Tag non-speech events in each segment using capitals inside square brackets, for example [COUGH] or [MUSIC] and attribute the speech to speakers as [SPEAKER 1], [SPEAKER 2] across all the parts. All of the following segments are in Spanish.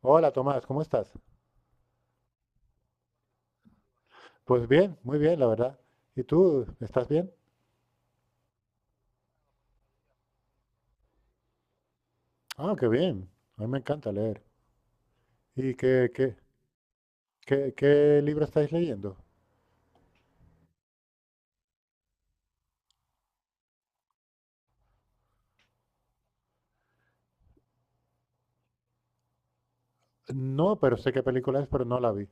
[SPEAKER 1] Hola Tomás, ¿cómo estás? Pues bien, muy bien, la verdad. ¿Y tú, estás bien? Ah, qué bien. A mí me encanta leer. ¿Y qué libro estáis leyendo? No, pero sé qué película es, pero no la vi.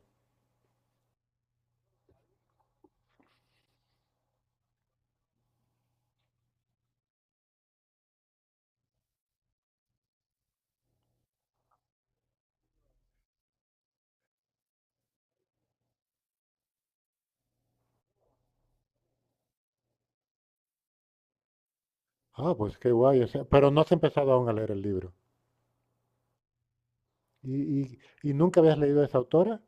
[SPEAKER 1] Ah, pues qué guay. O sea, pero no has empezado aún a leer el libro. ¿Y, y nunca habías leído a esa autora?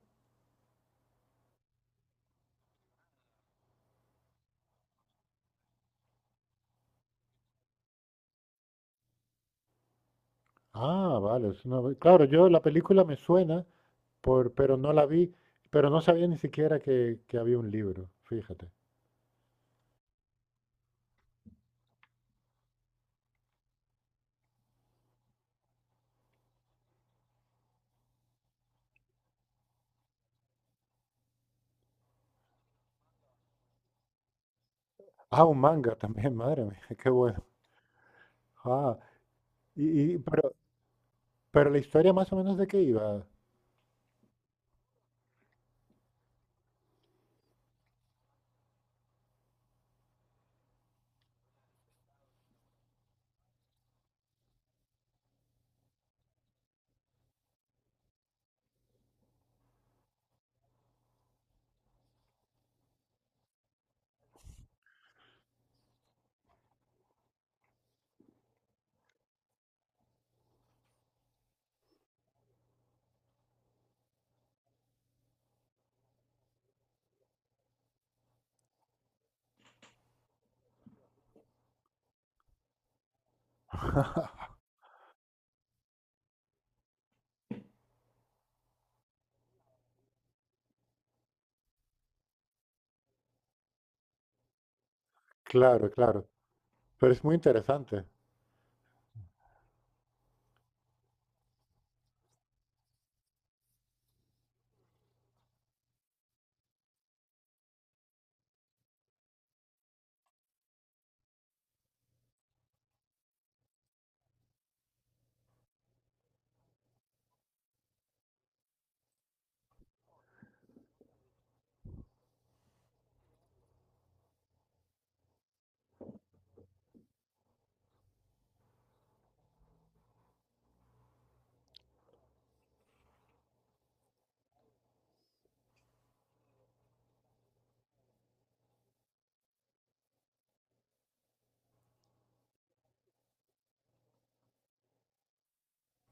[SPEAKER 1] Ah, vale. Es Claro, yo la película me suena, pero no la vi, pero no sabía ni siquiera que había un libro, fíjate. Ah, un manga también, [LAUGHS] madre mía, qué bueno. Ah, y, y- pero Pero la historia más o menos de qué iba. Claro, claro. Pero es muy interesante.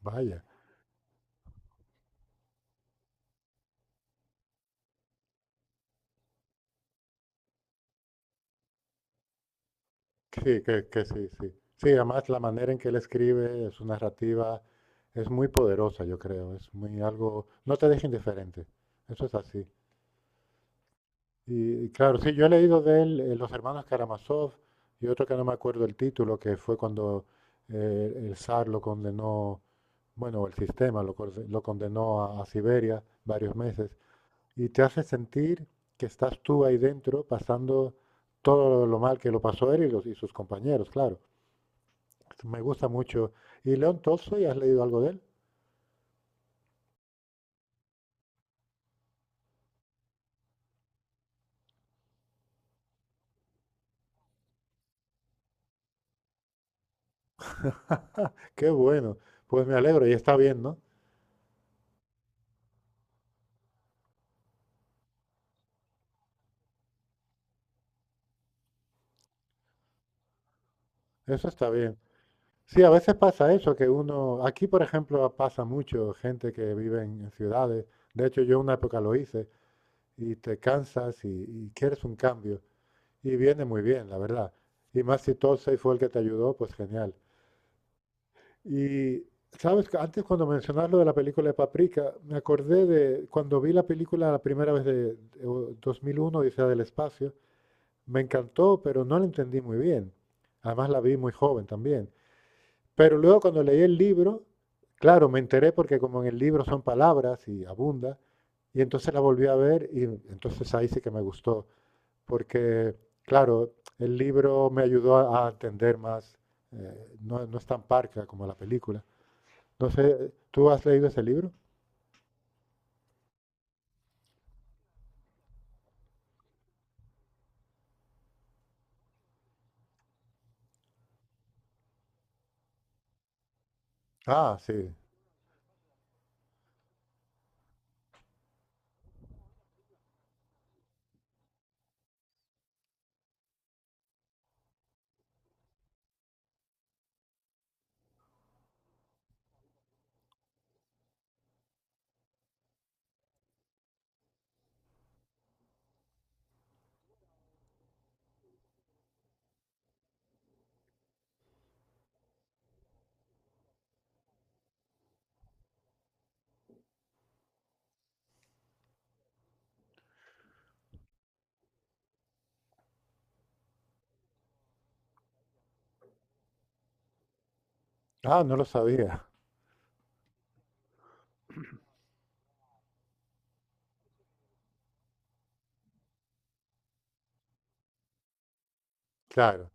[SPEAKER 1] Vaya. Sí, sí. Sí, además la manera en que él escribe, su narrativa, es muy poderosa, yo creo. Es muy algo. No te deja indiferente. Eso es así. Y claro, sí, yo he leído de él Los Hermanos Karamazov y otro que no me acuerdo el título, que fue cuando el zar lo condenó, bueno, el sistema lo condenó a Siberia varios meses. Y te hace sentir que estás tú ahí dentro pasando todo lo mal que lo pasó él y, los, y sus compañeros, claro. Me gusta mucho. ¿Y León Tolstoy, has leído algo de él? [LAUGHS] Qué bueno. Pues me alegro y está bien, ¿no? Eso está bien. Sí, a veces pasa eso, que uno, aquí por ejemplo pasa mucho gente que vive en ciudades, de hecho yo una época lo hice, y te cansas y quieres un cambio, y viene muy bien, la verdad. Y más si Tolstoy fue el que te ayudó, pues genial. Y sabes que antes cuando mencionas lo de la película de Paprika, me acordé de cuando vi la película la primera vez de 2001, Odisea del Espacio, me encantó, pero no la entendí muy bien. Además la vi muy joven también. Pero luego cuando leí el libro, claro, me enteré porque como en el libro son palabras y abunda, y entonces la volví a ver y entonces ahí sí que me gustó, porque claro, el libro me ayudó a entender más, no, no es tan parca como la película. No sé, ¿tú has leído ese libro? Ah, sí. Ah, no lo sabía. Claro.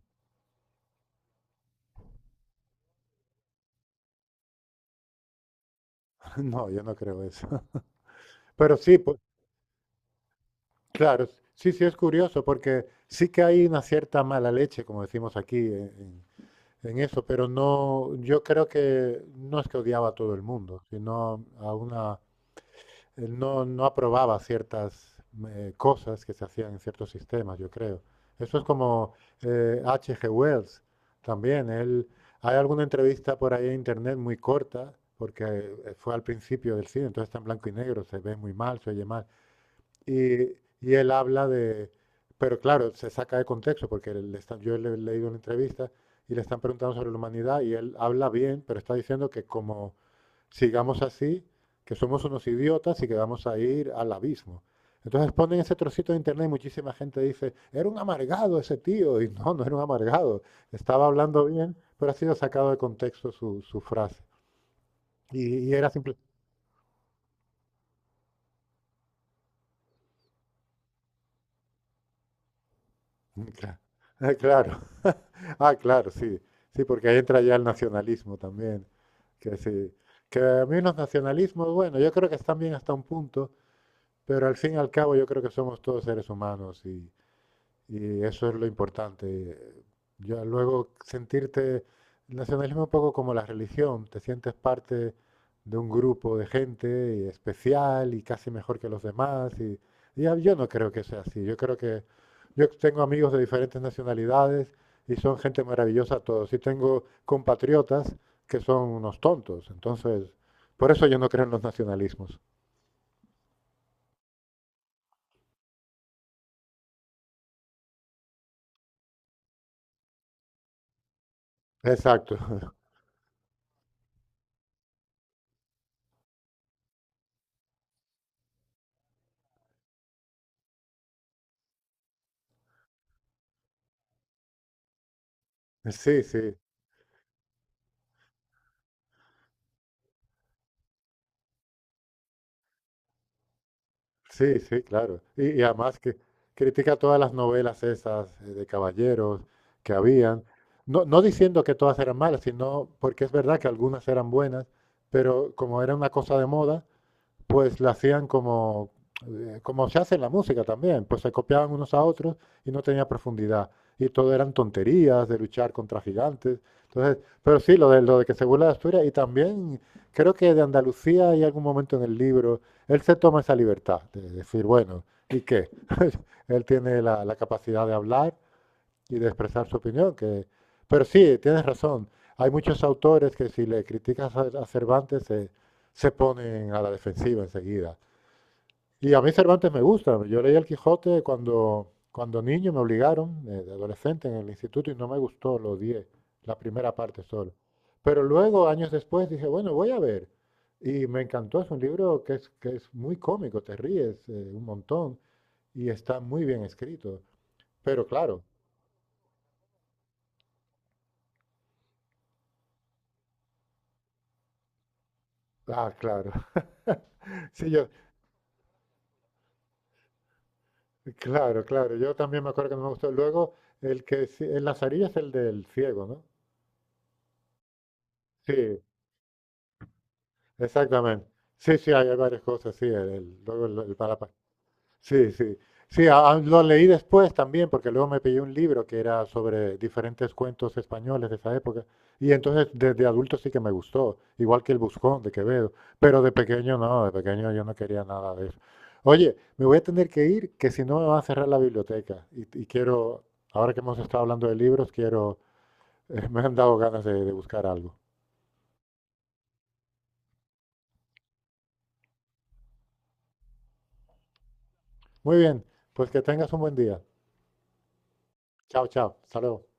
[SPEAKER 1] [LAUGHS] No, yo no creo eso. [LAUGHS] Pero sí, pues, claro. Sí, sí, es curioso porque sí que hay una cierta mala leche, como decimos aquí, eso, pero no, yo creo que no es que odiaba a todo el mundo, sino a una, él no, no aprobaba ciertas cosas que se hacían en ciertos sistemas, yo creo. Eso es como H.G. Wells también. Él, hay alguna entrevista por ahí en internet muy corta, porque fue al principio del cine, entonces está en blanco y negro, se ve muy mal, se oye mal. Y, y él habla de. Pero claro, se saca de contexto, porque le están- yo le he leído una entrevista y le están preguntando sobre la humanidad y él habla bien, pero está diciendo que como sigamos así, que somos unos idiotas y que vamos a ir al abismo. Entonces ponen ese trocito de internet y muchísima gente dice, era un amargado ese tío. Y no, no era un amargado. Estaba hablando bien, pero ha sido sacado de contexto su frase. Y era simple. Claro. [LAUGHS] Ah, claro, sí. Sí, porque ahí entra ya el nacionalismo también. Que sí. Que a mí los nacionalismos, bueno, yo creo que están bien hasta un punto, pero al fin y al cabo yo creo que somos todos seres humanos y eso es lo importante. Ya luego sentirte, el nacionalismo es un poco como la religión, te sientes parte de un grupo de gente y especial y casi mejor que los demás. Y, yo no creo que sea así. Yo creo que yo tengo amigos de diferentes nacionalidades y son gente maravillosa todos. Y tengo compatriotas que son unos tontos. Entonces, por eso yo no creo en los nacionalismos. Exacto. [LAUGHS] Sí, sí. Sí, sí, claro. Y además que critica todas las novelas esas de caballeros que habían. No, no diciendo que todas eran malas, sino porque es verdad que algunas eran buenas, pero como era una cosa de moda, pues la hacían como, como se hace en la música también, pues se copiaban unos a otros y no tenía profundidad. Y todo eran tonterías de luchar contra gigantes. Entonces, pero sí, lo de que se burla de Asturias y también creo que de Andalucía hay algún momento en el libro, él se toma esa libertad de decir, bueno, ¿y qué? [LAUGHS] Él tiene la, la capacidad de hablar y de expresar su opinión. Que. Pero sí, tienes razón. Hay muchos autores que si le criticas a Cervantes se ponen a la defensiva enseguida. Y a mí Cervantes me gusta. Yo leí El Quijote cuando niño, me obligaron, de adolescente en el instituto, y no me gustó, lo odié, la primera parte solo. Pero luego, años después, dije, bueno, voy a ver. Y me encantó, es un libro que es muy cómico, te ríes un montón y está muy bien escrito. Pero claro, ah, claro. [LAUGHS] Sí, yo, claro, claro. Yo también me acuerdo que no me gustó. Luego, el que sí- en las orillas es el del ciego, ¿no? Sí, exactamente. Sí, sí, hay hay varias cosas, sí. Luego sí, sí. Sí, lo leí después también, porque luego me pillé un libro que era sobre diferentes cuentos españoles de esa época. Y entonces desde adulto sí que me gustó, igual que El Buscón de Quevedo. Pero de pequeño no, de pequeño yo no quería nada de eso. Oye, me voy a tener que ir, que si no me va a cerrar la biblioteca. Y quiero, ahora que hemos estado hablando de libros, quiero, [LAUGHS] me han dado ganas de buscar algo. Muy bien, pues que tengas un buen día. Chao, chao. Hasta luego.